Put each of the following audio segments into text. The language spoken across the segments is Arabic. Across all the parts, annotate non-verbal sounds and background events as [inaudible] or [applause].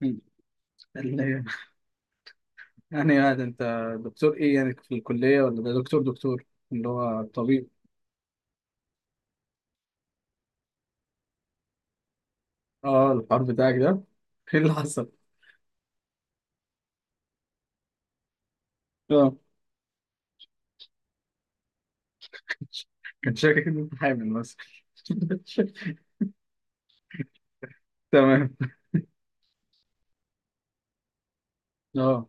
مم. اللي يعني هذا انت دكتور ايه يعني في الكلية ولا ده دكتور دكتور اللي هو طبيب؟ اه، الحوار بتاعك ده، ايه اللي حصل؟ اه، كان شاكك ان انت حامل مثلا؟ [laughs] تمام. اه،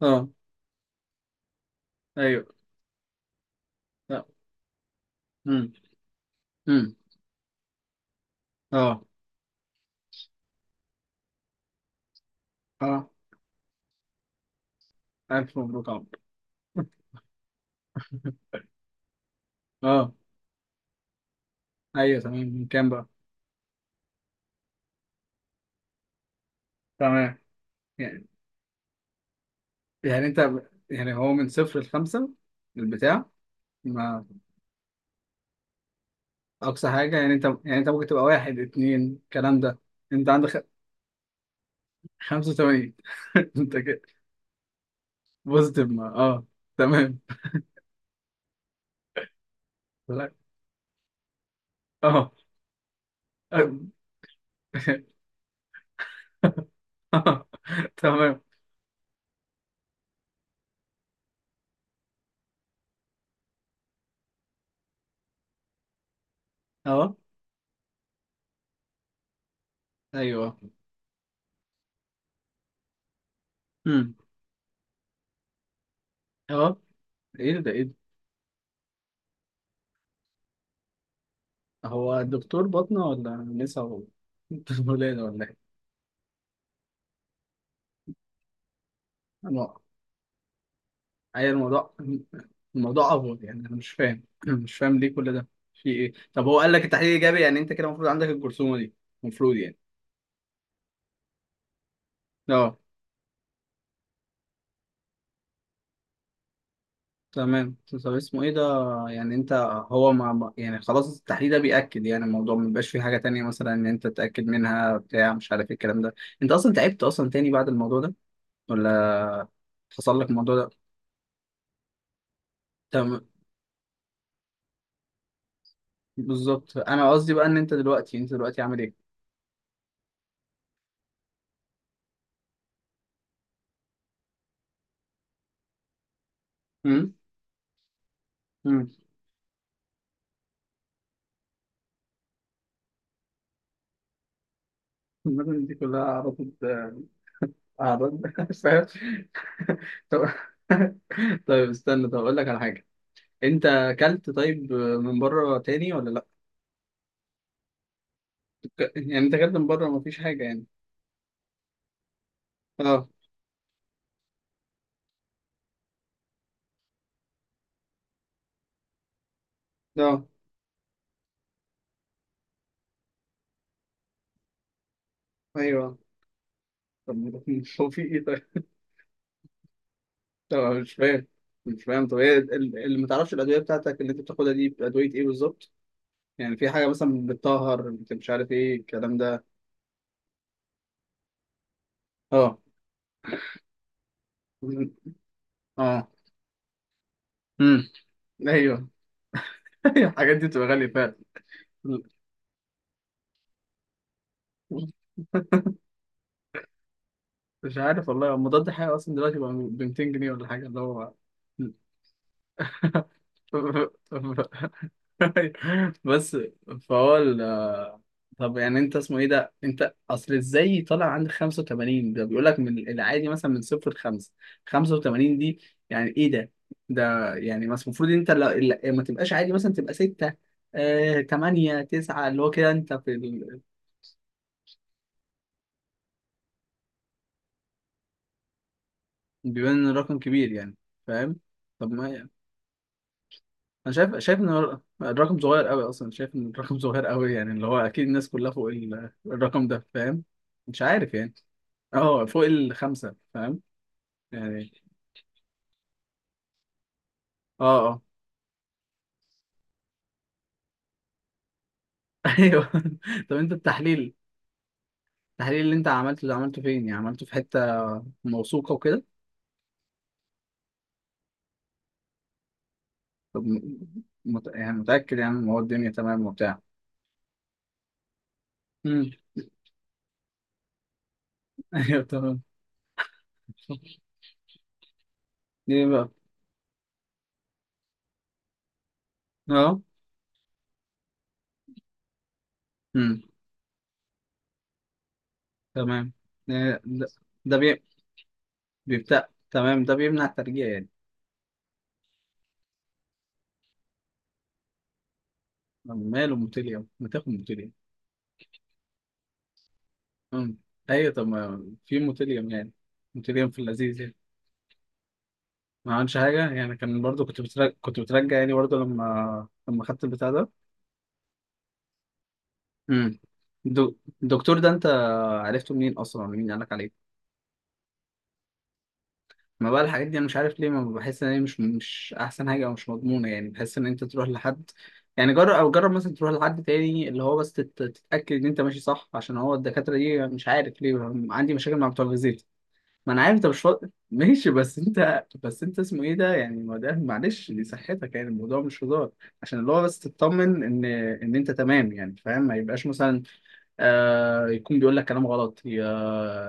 اه، ايوه. لا. امم. امم. اه. اه، الف مبروك عمرو. [laughs] اه، ايوه تمام، من كام بقى؟ تمام. يعني يعني انت، يعني هو من صفر لخمسة البتاع؟ ما اقصى حاجة يعني انت، يعني انت ممكن تبقى واحد اتنين الكلام ده. انت عندك 85؟ [laughs] انت كده بوزيتيف؟ ما اه، تمام. لا. اه. [laughs] اه. تمام. اه. ايوه. امم. اه. ايه ده، ايه ده، هو دكتور باطنة ولا نسا ولا [laughs] ولادة ولا ايه؟ انا، اي الموضوع، الموضوع افضل يعني. انا مش فاهم، [clears throat] مش فاهم ليه كل ده. في ايه؟ طب هو قال لك التحليل ايجابي، يعني انت كده المفروض عندك الجرثومة دي؟ المفروض يعني. اه، تمام. طب اسمه ايه ده؟ يعني انت، هو يعني خلاص التحليل ده بيأكد يعني الموضوع، ما بيبقاش فيه حاجة تانية مثلا ان انت تتأكد منها بتاع مش عارف ايه الكلام ده. انت اصلا تعبت اصلا تاني بعد الموضوع ده، ولا حصل لك الموضوع ده؟ تمام. بالظبط، انا قصدي بقى ان انت دلوقتي، انت دلوقتي عامل ايه؟ امم. امم. المدن دي كلها عرضت، عرضت. [laughs] فاهم. طب، طيب استنى، طب اقول لك على حاجة، انت اكلت طيب من بره تاني ولا لا؟ يعني انت اكلت من بره، مفيش حاجة يعني؟ اه. اه. ايوه. طب [laughs] هو في ايه طيب؟ طب أنا مش فاهم، مش فاهم. طب هي اللي ما تعرفش، الادويه بتاعتك اللي انت بتاخدها دي ادويه ايه بالظبط؟ يعني في حاجه مثلا بتطهر، مش عارف ايه الكلام ده. اه. اه. امم. ايوه. [laughs] أيوة، الحاجات دي بتبقى غاليه فعلا. [laughs] مش عارف والله. هو مضاد حيوي اصلا دلوقتي بقى ب 200 جنيه ولا حاجه، اللي هو [laughs] بس. فهو، طب يعني انت اسمه ايه ده، انت اصل ازاي طالع عندك 85 ده؟ بيقول لك من العادي مثلا من صفر لخمسة، 85 دي يعني ايه ده؟ ده يعني مثلا المفروض انت ما تبقاش عادي، مثلا تبقى 6 آه 8 9 اللي هو كده، انت في ال... بيبان ان الرقم كبير يعني. فاهم. طب ما يعني، انا شايف، شايف ان الرقم صغير قوي اصلا، شايف ان الرقم صغير قوي يعني، اللي هو اكيد الناس كلها فوق الرقم ده. فاهم. مش عارف يعني. اه، فوق الخمسة. فاهم. يعني. اه. اه. ايوه. [laughs] طب انت التحليل، التحليل اللي انت عملته ده، عملته فين يعني؟ عملته في حتة موثوقة وكده؟ طب يعني متأكد يعني ان هو الدنيا تمام وبتاع؟ امم. [laughs] ايوه تمام. ايه بقى؟ اه. امم. تمام. إيه ده؟ ده بي... بيبتاع. تمام، ده بيمنع الترجيع يعني. طب ماله موتيليوم، ما تاخد موتيليوم؟ امم. ايوه، طب ما في موتيليوم يعني. موتيليوم في اللذيذ يعني. ما عملش حاجة يعني؟ كان برضو، كنت بترجع، كنت بترجع يعني برضو لما، لما خدت البتاع ده؟ امم. دو- الدكتور ده، انت عرفته منين اصلا ولا مين قالك عليه؟ ما بقى الحاجات دي، انا مش عارف ليه ما بحس ان هي مش، مش احسن حاجه او مش مضمونه. يعني بحس ان انت تروح لحد، يعني جرب، او جرب مثلا تروح لحد تاني اللي هو بس تتاكد ان انت ماشي صح، عشان هو الدكاتره دي مش عارف ليه عندي مشاكل مع بتوع الغذاء. ما انا عارف انت مش فاضي ماشي، بس انت، بس انت اسمه ايه ده يعني، ما ده معلش دي صحتك يعني، الموضوع مش هزار. عشان اللي هو بس تطمن ان، ان انت تمام يعني. فاهم، ما يبقاش مثلا آه يكون بيقول لك كلام غلط يا،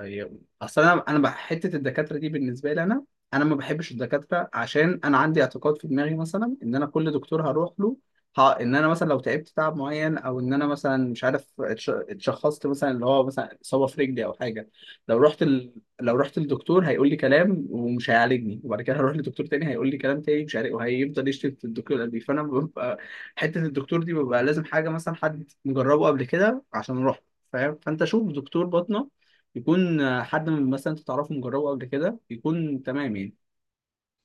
يا، اصل انا، انا حته الدكاتره دي بالنسبه لي انا، انا ما بحبش الدكاتره، عشان انا عندي اعتقاد في دماغي مثلا ان انا كل دكتور هروح له، ها، ان انا مثلا لو تعبت تعب معين، او ان انا مثلا مش عارف اتشخصت مثلا اللي هو مثلا اصابه في رجلي او حاجه، لو رحت ال... لو رحت للدكتور هيقول لي كلام ومش هيعالجني، وبعد كده هروح لدكتور تاني هيقول لي كلام تاني مش عارف، وهيفضل يشتم في الدكتور اللي قبليه. فانا ببقى حته الدكتور دي ببقى لازم حاجه مثلا حد مجربه قبل كده عشان اروح. فاهم؟ فانت شوف دكتور باطنة يكون آه، حد من مثلا انت تعرفه مجربه قبل كده يكون تمام يعني.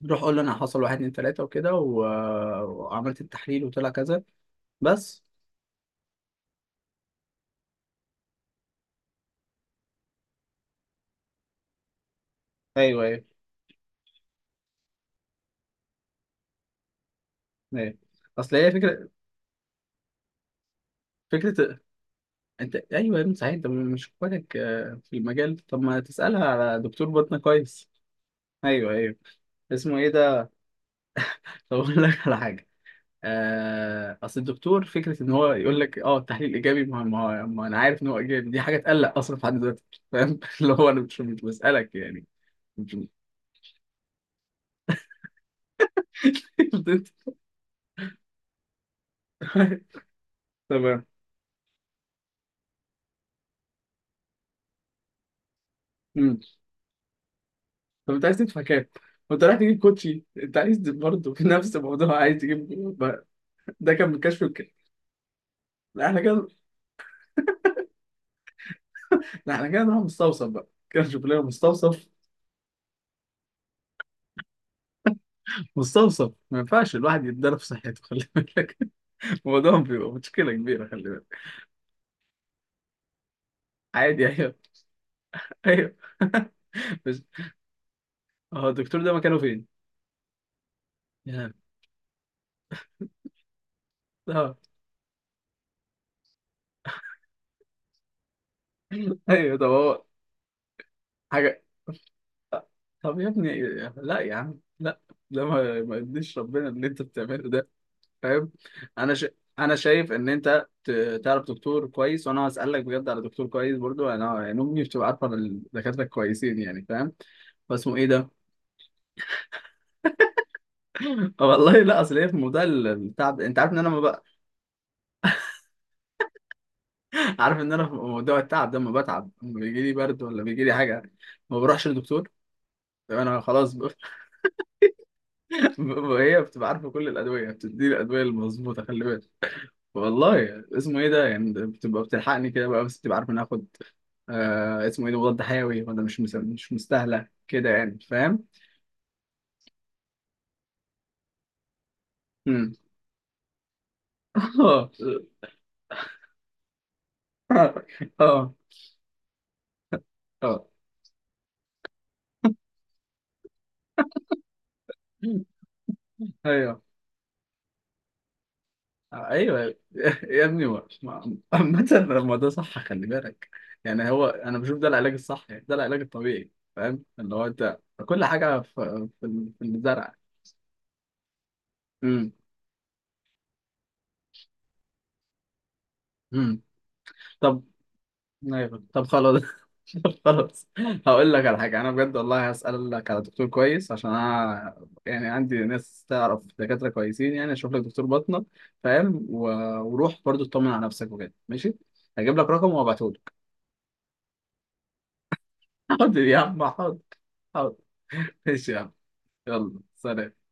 روح قول له انا حصل واحد اتنين تلاته وكده و... آه، وعملت التحليل وطلع كذا. بس. ايوه ايوه. ايوه. اصل هي فكره، فكره. انت ايوه يا ابني صحيح، انت مش اخواتك آه، في المجال؟ طب ما تسالها على دكتور باطنة كويس. ايوه ايوه. اسمه ايه ده؟ طب اقول لك على حاجه، آه، اصل الدكتور فكره ان هو يقول لك اه التحليل ايجابي، ما انا عارف ان هو ايجابي، دي حاجه تقلق اصلا في حد ذاته. فاهم؟ [laughs] اللي هو انا مش بسالك يعني. مش. [laughs] تمام. مم. طب انت عايز تدفع كام؟ وانت رايح تجيب كوتشي انت عايز برضه [laughs] في نفس الموضوع عايز تجيب ب- ده كان من كشف الكلى. لا احنا كده، لا احنا كده نروح مستوصف بقى كده، نشوف لنا مستوصف. مستوصف ما ينفعش الواحد يتضرب في صحته، خلي بالك. [laughs] الموضوع بيبقى مشكله كبيره، خلي بالك. عادي يعني. ايوه. [laughs] بس. هو الدكتور ده مكانه فين؟ يعني. اه. ايوه طب هو حاجه. طب يا ابني، لا يا عم لا، ده ما ما يرضيش ربنا اللي انت بتعمله ده. فاهم؟ انا ش... انا شايف ان انت تعرف دكتور كويس. وانا هسألك بجد على دكتور كويس برضو، يعني انا يعني امي بتبقى عارفه إن الدكاتره كويسين يعني. فاهم؟ فاسمه ايه ده؟ [laughs] والله لا، اصل هي في موضوع التعب، انت عارف ان انا ما بق... عارف ان انا في موضوع التعب ده، ما بتعب لما بيجي لي برد ولا بيجي لي حاجه، ما بروحش للدكتور. ده انا خلاص ب... [laughs] هي بتبقى عارفه كل الادويه، بتدي الادويه المظبوطه، خلي بالك. والله اسمه ايه ده يعني، ده بتبقى بتلحقني كده بقى، بس بتبقى عارفه إن اخد آه اسمه ايه ده مضاد حيوي ولا مش مستاهله كده يعني. فاهم. امم. [laughs] اه. اه. اه. آه. ايوه ايوه. [laughs] يا ابني عامة الموضوع صح، خلي بالك. يعني هو انا بشوف ده العلاج الصح يعني، ده العلاج الطبيعي. فاهم؟ اللي هو انت كل حاجه في في الزرع. امم. طب، أيوة. طب خلاص. [laughs] طب خلاص، هقول لك على حاجه انا بجد والله، هسالك على دكتور كويس، عشان انا يعني عندي ناس تعرف دكاتره كويسين يعني، اشوف لك دكتور باطنه. فاهم؟ و... وروح برضو اطمن على نفسك وكده، ماشي؟ هجيب لك رقم وابعته لك. [laughs] حاضر يا عم، حاضر، حاضر، ماشي يا عم. يلا سلام.